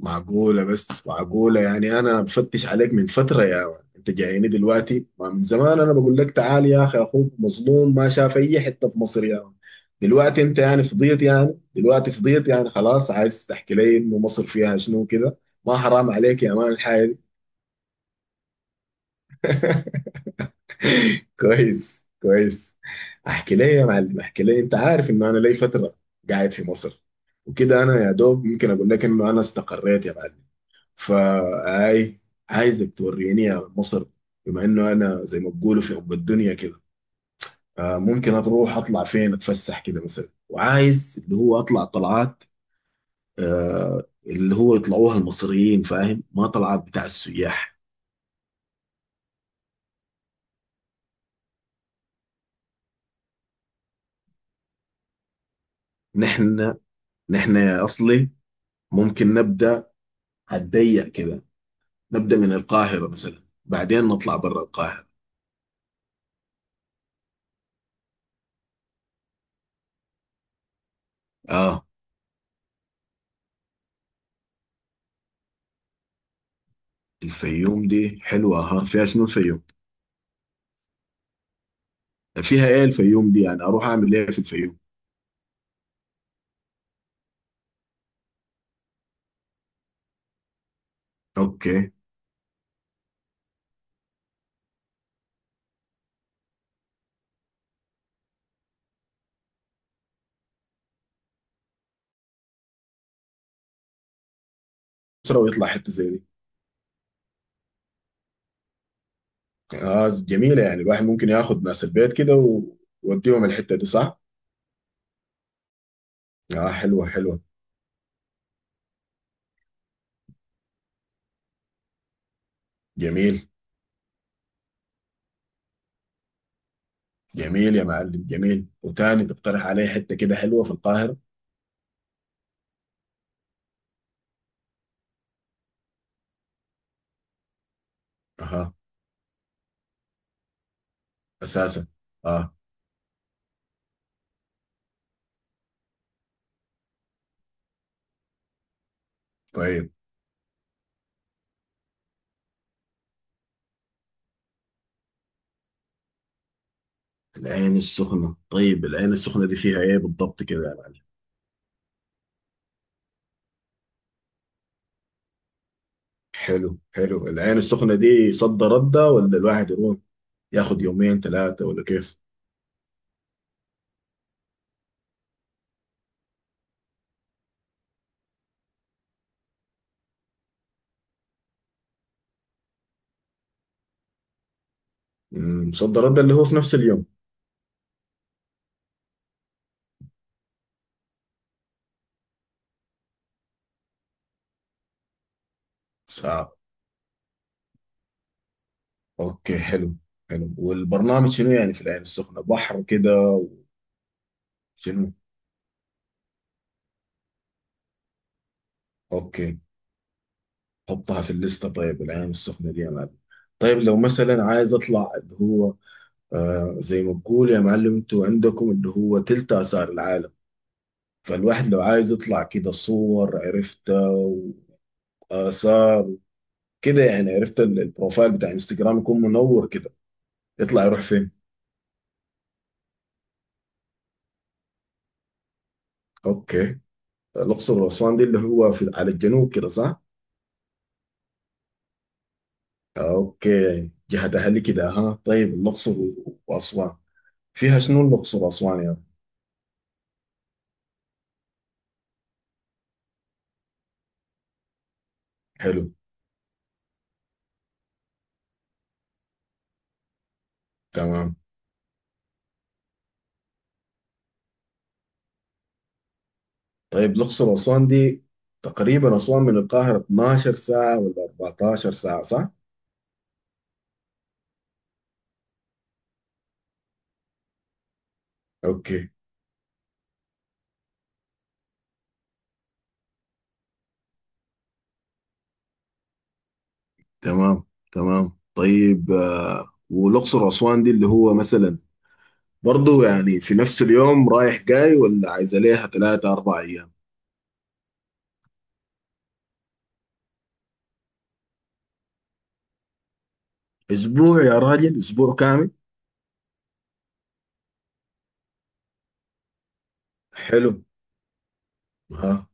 معقولة بس معقولة، يعني أنا بفتش عليك من فترة يا مان. أنت جايني دلوقتي ما من زمان، أنا بقول لك تعال يا أخي، أخوك مظلوم ما شاف أي حتة في مصر يا مان. دلوقتي أنت يعني فضيت، يعني دلوقتي فضيت يعني خلاص عايز تحكي لي إنه مصر فيها شنو كده؟ ما حرام عليك يا مان الحاجة دي. كويس كويس. أحكي لي يا معلم، أحكي لي. أنت عارف إنه أنا لي فترة قاعد في مصر، وكده أنا يا دوب ممكن أقول لك إنه أنا استقريت يا معلم. فاي، عايزك توريني مصر بما انه انا زي ما بقولوا في ام الدنيا كده. ممكن اروح اطلع فين اتفسح كده مثلا، وعايز اللي هو اطلع طلعات، اللي هو يطلعوها المصريين، فاهم، ما طلعات بتاع السياح. نحن نحن يا اصلي ممكن نبدا، هتضيق كده. نبدا من القاهره مثلا، بعدين نطلع برا القاهره. اه. الفيوم دي حلوه، ها، فيها شنو الفيوم؟ فيها ايه الفيوم دي، يعني اروح اعمل ايه في الفيوم؟ اوكي. اسره ويطلع حته زي دي. اه جميله، يعني الواحد ممكن ياخد ناس البيت كده ويوديهم الحته دي، صح؟ اه حلوه حلوه. جميل جميل يا معلم، جميل. وتاني تقترح عليه حته كده حلوه في القاهره؟ اها، اساسا، اه. طيب العين السخنه. طيب العين السخنه دي فيها ايه بالضبط كده يا معلم؟ حلو حلو. العين السخنه دي صد رده ولا الواحد يروح ياخد يومين ثلاثه ولا كيف؟ صد رده اللي هو في نفس اليوم. صح. اوكي حلو. حلو، والبرنامج شنو يعني في العين السخنه، بحر كده؟ شنو؟ اوكي، حطها في الليسته طيب العين السخنه دي يا معلم. طيب لو مثلا عايز اطلع اللي هو، زي ما بقول يا معلم، انتوا عندكم اللي هو تلت اثار العالم، فالواحد لو عايز يطلع كده صور، عرفت، واثار كده، يعني عرفت، البروفايل بتاع انستجرام يكون منور كده، يطلع يروح فين؟ اوكي. الاقصر واسوان دي اللي هو في على الجنوب كده، صح؟ اوكي جهة اهلي كده ها. طيب الاقصر واسوان، فيها شنو الاقصر واسوان يا؟ حلو. تمام. طيب الاقصر واسوان دي، تقريبا اسوان من القاهرة 12 ساعة ولا 14 ساعة، صح؟ اوكي تمام تمام. طيب والاقصر واسوان دي اللي هو مثلا، برضو يعني في نفس اليوم رايح جاي ولا عايزة ليها ثلاثة أربع أيام؟ أسبوع؟ يا راجل أسبوع كامل؟ حلو. ها.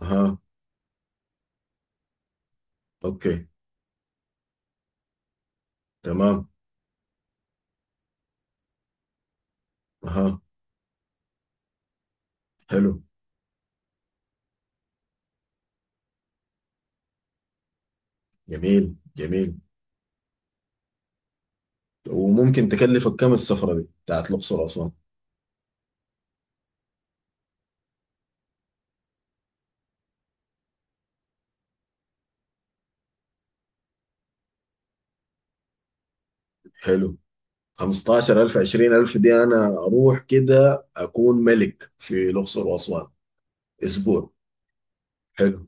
ها. اوكي. تمام. ها. حلو. جميل جميل. وممكن تكلفك كم السفرة دي بتاعت الأقصر أسوان؟ حلو. 15000 20000 دي أنا أروح كده أكون ملك في الأقصر وأسوان أسبوع. حلو.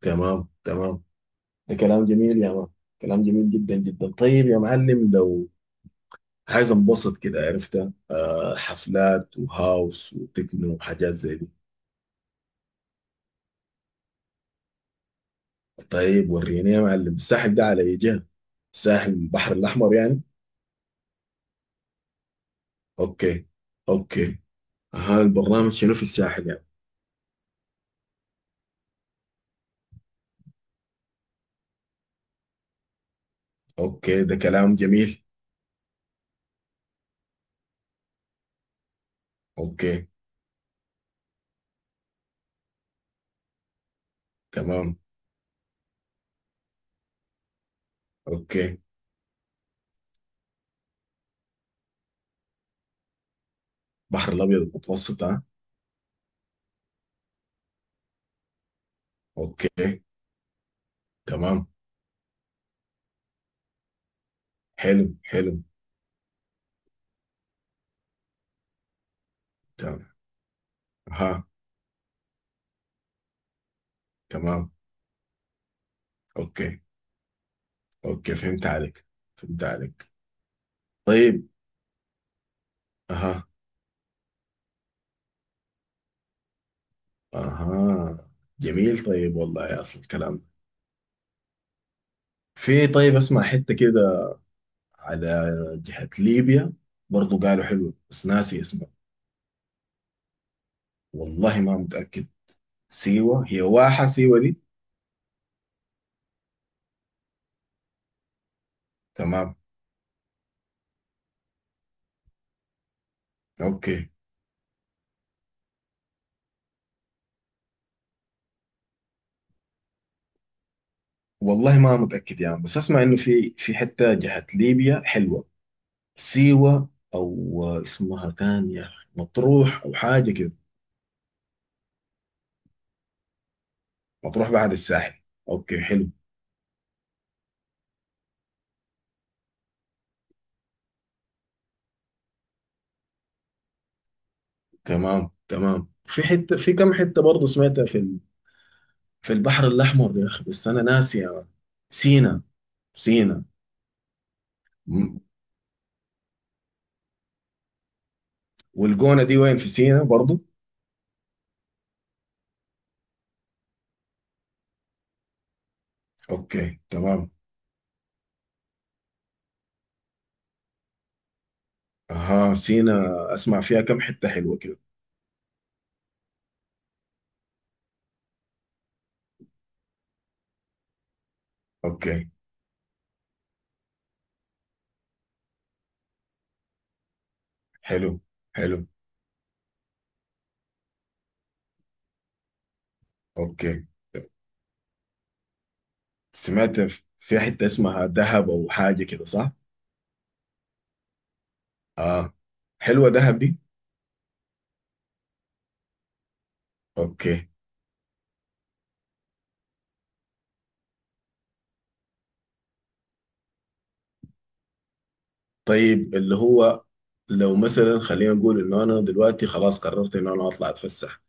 تمام تمام، ده كلام جميل يا مان، كلام جميل جدا جدا. طيب يا معلم، لو عايز انبسط كده، عرفت، حفلات وهاوس وتكنو وحاجات زي دي. طيب وريني يا معلم الساحل ده على ايه جهة، الساحل البحر الأحمر يعني؟ أوكي. اوكي. ها، البرنامج شنو في الساحل يعني؟ اوكي، ده كلام جميل. اوكي. تمام. اوكي. بحر الابيض المتوسط ها. اوكي. تمام. حلو حلو. تمام. ها. تمام. اوكي. اوكي فهمت عليك، فهمت عليك. طيب. اها. اها. جميل. طيب والله يا اصل الكلام، طيب اسمع حتة كده على جهة ليبيا برضو قالوا حلو بس ناسي اسمه. والله ما متأكد. سيوة، هي واحة سيوة دي. تمام. اوكي. والله ما متأكد يعني، بس أسمع إنه في حتة جهة ليبيا حلوة. سيوة أو اسمها تانية، مطروح أو حاجة كده. مطروح بعد الساحل؟ أوكي حلو. تمام تمام، في حتة في كم حتة برضه سمعتها في في البحر الأحمر يا أخي بس أنا ناسي يا مان. سينا. سينا. مم. والجونة دي وين، في سينا برضه؟ أوكي تمام. أها سينا، أسمع فيها كم حتة حلوة كده. أوكي. حلو حلو. أوكي. سمعت في حتة اسمها دهب أو حاجة كده، صح؟ آه. حلوة دهب دي؟ أوكي. طيب اللي هو لو مثلا خلينا نقول إنه أنا دلوقتي خلاص قررت إنه أنا أطلع أتفسح،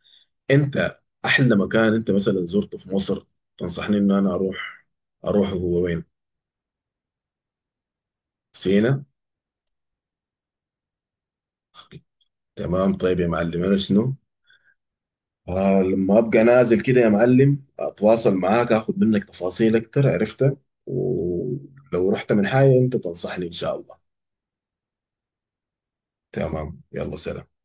أنت أحلى مكان أنت مثلا زرته في مصر تنصحني إن أنا أروح، أروح هو وين؟ سينا؟ تمام. طيب يا معلم أنا شنو؟ لما أبقى نازل كده يا معلم أتواصل معاك، أخذ منك تفاصيل أكتر، عرفتها، ولو رحت من حاجة أنت تنصحني، إن شاء الله. تمام. يلا سلام.